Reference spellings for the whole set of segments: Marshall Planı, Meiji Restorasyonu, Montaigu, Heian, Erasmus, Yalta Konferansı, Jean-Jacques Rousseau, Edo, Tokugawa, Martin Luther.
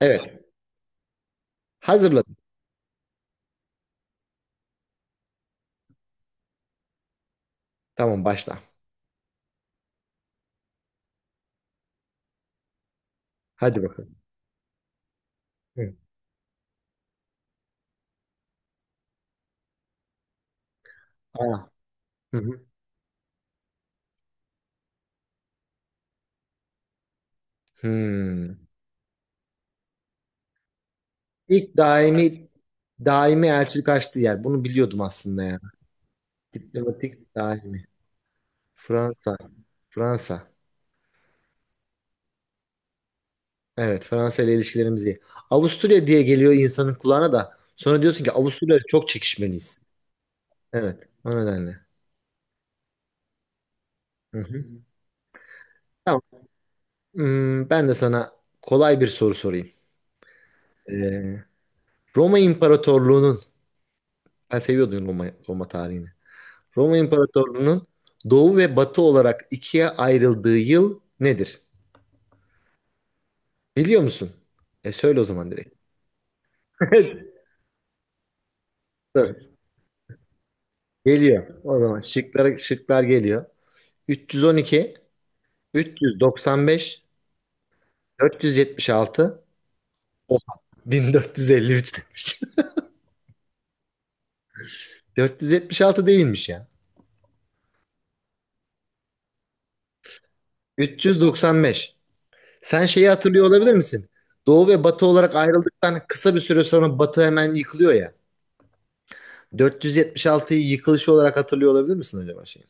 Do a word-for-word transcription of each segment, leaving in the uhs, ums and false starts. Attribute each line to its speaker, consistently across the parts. Speaker 1: Evet. Hazırladım. Tamam, başla. Hadi bakalım. Hı. Aa. Hı hı. Hmm. İlk daimi daimi elçilik açtığı yer. Bunu biliyordum aslında ya. Diplomatik daimi. Fransa. Fransa. Evet, Fransa ile ilişkilerimiz iyi. Avusturya diye geliyor insanın kulağına da. Sonra diyorsun ki Avusturya ile çok çekişmeliyiz. Evet. O nedenle. Hı hı. Tamam. Hmm, ben de sana kolay bir soru sorayım. Ee, Roma İmparatorluğu'nun ben seviyordum Roma, Roma tarihini. Roma İmparatorluğu'nun doğu ve batı olarak ikiye ayrıldığı yıl nedir? Biliyor musun? E, söyle o zaman direkt. Tabii. Geliyor. O zaman şıklar, şıklar geliyor. üç yüz on iki, üç yüz doksan beş, dört yüz yetmiş altı, oha, bin dört yüz elli üç demiş. dört yüz yetmiş altı değilmiş ya. üç yüz doksan beş. Sen şeyi hatırlıyor olabilir misin? Doğu ve Batı olarak ayrıldıktan kısa bir süre sonra Batı hemen yıkılıyor ya. dört yüz yetmiş altıyı yıkılışı olarak hatırlıyor olabilir misin acaba, şey?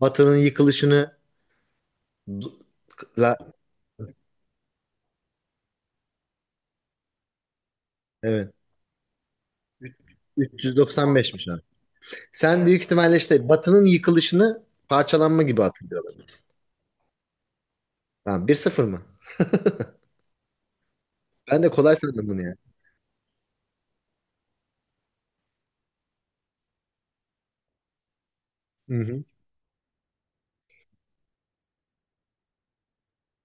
Speaker 1: Batı'nın yıkılışını du- la, evet, üç yüz doksan beşmiş abi. Sen büyük ihtimalle işte Batı'nın yıkılışını parçalanma gibi hatırlıyor olabilirsin. Tamam, bir sıfır mı? Ben de kolay sandım bunu ya. Hı hı.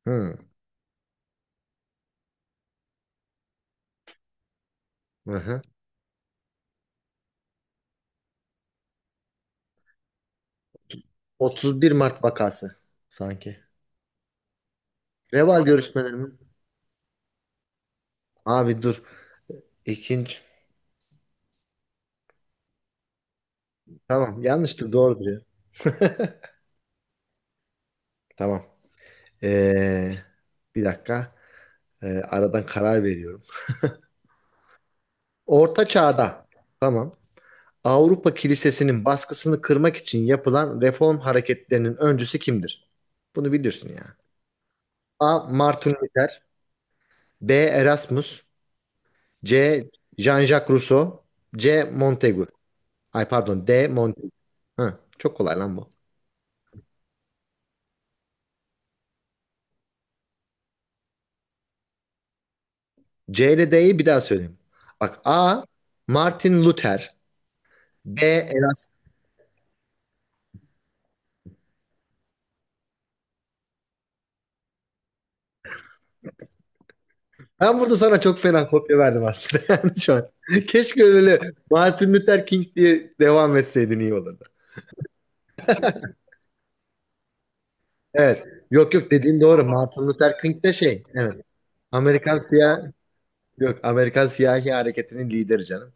Speaker 1: Hı. Aha. otuz bir Mart vakası sanki. Reval görüşmeleri mi? Abi dur. İkinci. Tamam, yanlıştır doğrudur ya. Tamam. Ee, bir dakika. Ee, aradan karar veriyorum. Orta çağda. Tamam. Avrupa Kilisesi'nin baskısını kırmak için yapılan reform hareketlerinin öncüsü kimdir? Bunu bilirsin ya. A. Martin Luther. B. Erasmus. C. Jean-Jacques Rousseau. C. Montaigu. Ay, pardon, D. Montaigu. Hı, çok kolay lan bu. C ile D'yi bir daha söyleyeyim. Bak. A. Martin Luther. B. Erasmus. Ben burada sana çok fena kopya verdim aslında yani şu an. Keşke öyle Martin Luther King diye devam etseydin iyi olurdu. Evet. Yok yok, dediğin doğru. Martin Luther King de şey. Evet. Amerikan siyah yok. Amerikan siyahi hareketinin lideri canım.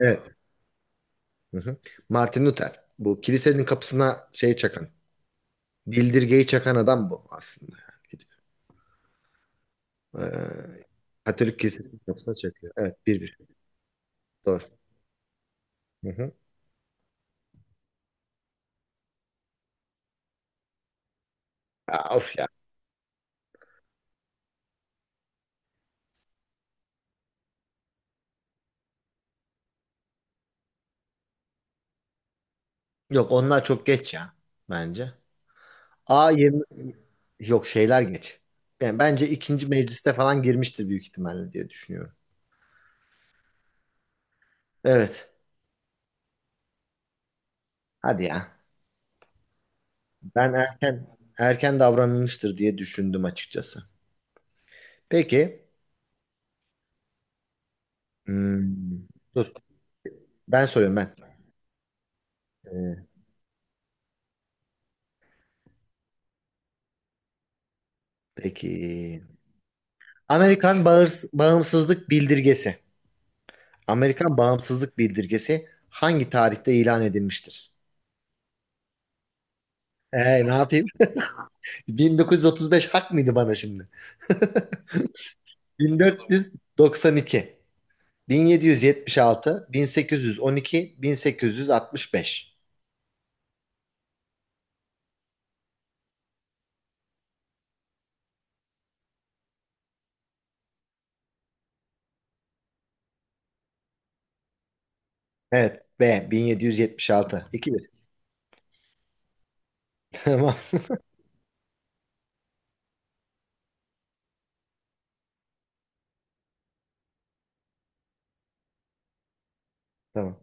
Speaker 1: Evet. Hı hı. Martin Luther. Bu kilisenin kapısına şey çakan. Bildirgeyi çakan adam bu aslında. Yani gidip, eee, Katolik kilisesinin kapısına çakıyor. Evet. Bir bir. Doğru. Hı hı. Aa, of ya. Yok, onlar çok geç ya. Bence. A yirmi yok, şeyler geç. Yani bence ikinci mecliste falan girmiştir büyük ihtimalle diye düşünüyorum. Evet. Hadi ya. Ben erken erken davranılmıştır diye düşündüm açıkçası. Peki, hmm, dur, ben soruyorum ben. Ee, peki, Amerikan bağır- bağımsızlık bildirgesi. Amerikan bağımsızlık bildirgesi hangi tarihte ilan edilmiştir? Ee, ne yapayım? bin dokuz yüz otuz beş hak mıydı bana şimdi? bin dört yüz doksan iki, bin yedi yüz yetmiş altı, bin sekiz yüz on iki, bin sekiz yüz altmış beş. Evet, B, bin yedi yüz yetmiş altı. iki bir. Tamam, tamam.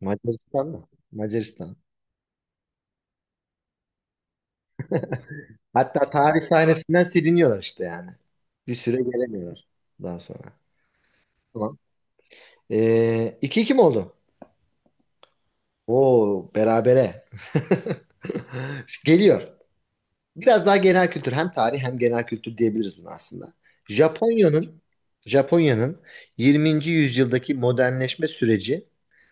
Speaker 1: Macaristan mı? Macaristan. Hatta tarih sahnesinden siliniyorlar işte yani. Bir süre gelemiyorlar daha sonra. Tamam. Ee, iki 2 mi oldu? Oo, berabere. Geliyor. Biraz daha genel kültür, hem tarih hem genel kültür diyebiliriz buna aslında. Japonya'nın Japonya'nın yirminci yüzyıldaki modernleşme süreci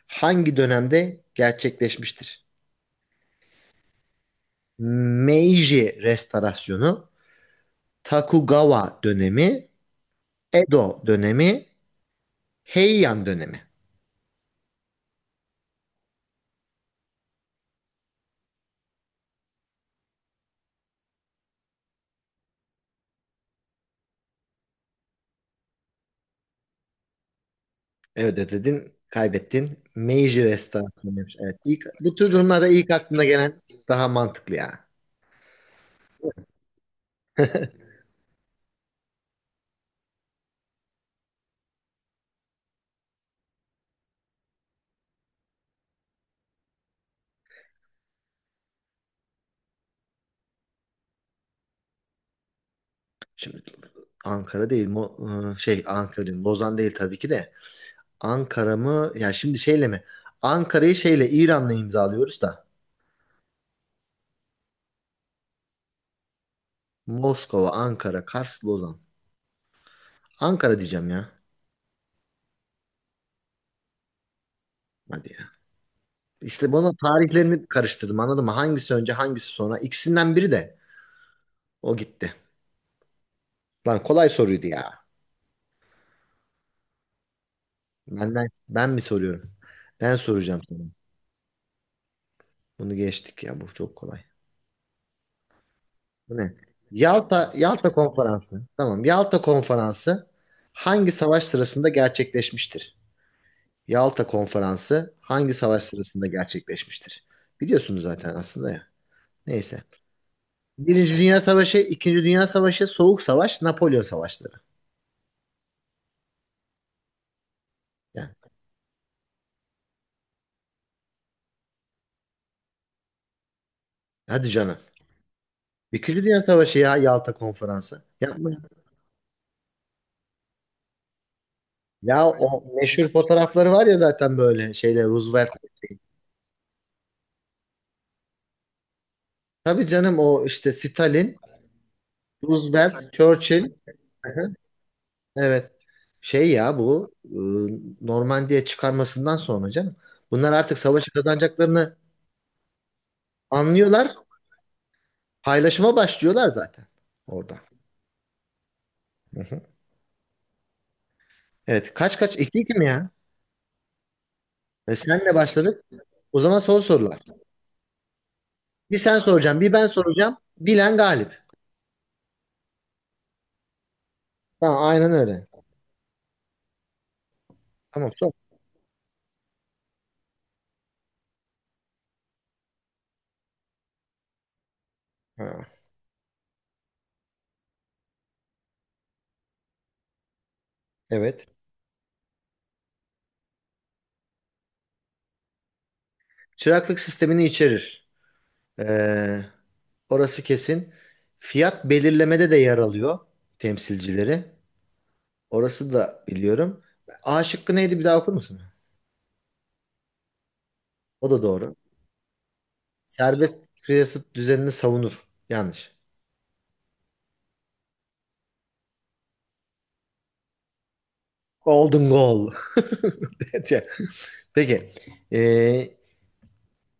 Speaker 1: hangi dönemde gerçekleşmiştir? Meiji Restorasyonu, Tokugawa dönemi, Edo dönemi, Heian dönemi. Evet dedin, kaybettin. Meiji restorasyonu demiş. Evet, ilk, bu tür durumlarda ilk aklına gelen daha mantıklı ya. Şimdi Ankara değil, Mo, ıı, şey, Ankara değil, Lozan değil tabii ki de. Ankara mı? Ya şimdi şeyle mi? Ankara'yı şeyle İran'la imzalıyoruz da. Moskova, Ankara, Kars, Lozan. Ankara diyeceğim ya. Hadi ya. İşte bunun tarihlerini karıştırdım, anladın mı? Hangisi önce, hangisi sonra? İkisinden biri de o gitti. Lan, kolay soruydu ya. Benden ben mi soruyorum? Ben soracağım sana. Bunu geçtik ya, bu çok kolay. Bu ne? Yalta Yalta Konferansı. Tamam. Yalta Konferansı hangi savaş sırasında gerçekleşmiştir? Yalta Konferansı hangi savaş sırasında gerçekleşmiştir? Biliyorsunuz zaten aslında ya. Neyse. Birinci Dünya Savaşı, İkinci Dünya Savaşı, Soğuk Savaş, Napolyon Savaşları. Yani, hadi canım. İkinci Dünya Savaşı ya, Yalta Konferansı. Yapma. Ya, o meşhur fotoğrafları var ya zaten, böyle şeyle Roosevelt. Tabii canım, o işte Stalin, Roosevelt, Churchill. Hı hı. Evet. Şey ya, bu e, Normandiya çıkarmasından sonra canım. Bunlar artık savaşı kazanacaklarını anlıyorlar. Paylaşıma başlıyorlar zaten orada. Hı hı. Evet, kaç kaç? İki iki mi ya? E, senle başladık. O zaman son sorular. Bir sen soracaksın, bir ben soracağım. Bilen galip. Tamam, aynen öyle. Tamam, sor. Ha, evet. Çıraklık sistemini içerir. Ee, Orası kesin. Fiyat belirlemede de yer alıyor temsilcileri. Orası da biliyorum. A şıkkı neydi, bir daha okur musun? O da doğru. Serbest piyasa düzenini savunur. Yanlış. Golden goal. Peki. Ee,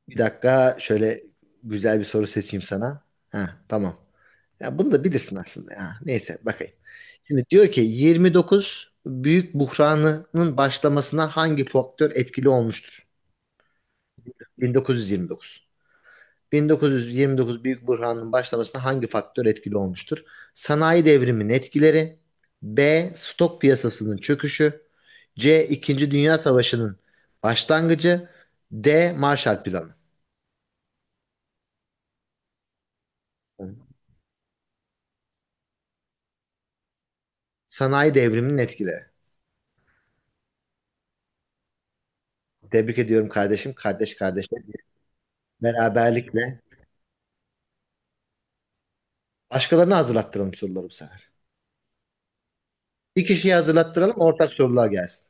Speaker 1: bir dakika, şöyle güzel bir soru seçeyim sana. Ha, tamam. Ya, bunu da bilirsin aslında ya. Neyse, bakayım. Şimdi diyor ki yirmi dokuz büyük buhranının başlamasına hangi faktör etkili olmuştur? bin dokuz yüz yirmi dokuz. bin dokuz yüz yirmi dokuz Büyük Burhan'ın başlamasına hangi faktör etkili olmuştur? Sanayi devriminin etkileri, B. Stok piyasasının çöküşü, C. İkinci Dünya Savaşı'nın başlangıcı, D. Marshall Planı. Sanayi devriminin etkileri. Tebrik ediyorum kardeşim. Kardeş kardeşe beraberlikle. Başkalarına hazırlattıralım soruları bu sefer. Bir kişiye hazırlattıralım, ortak sorular gelsin.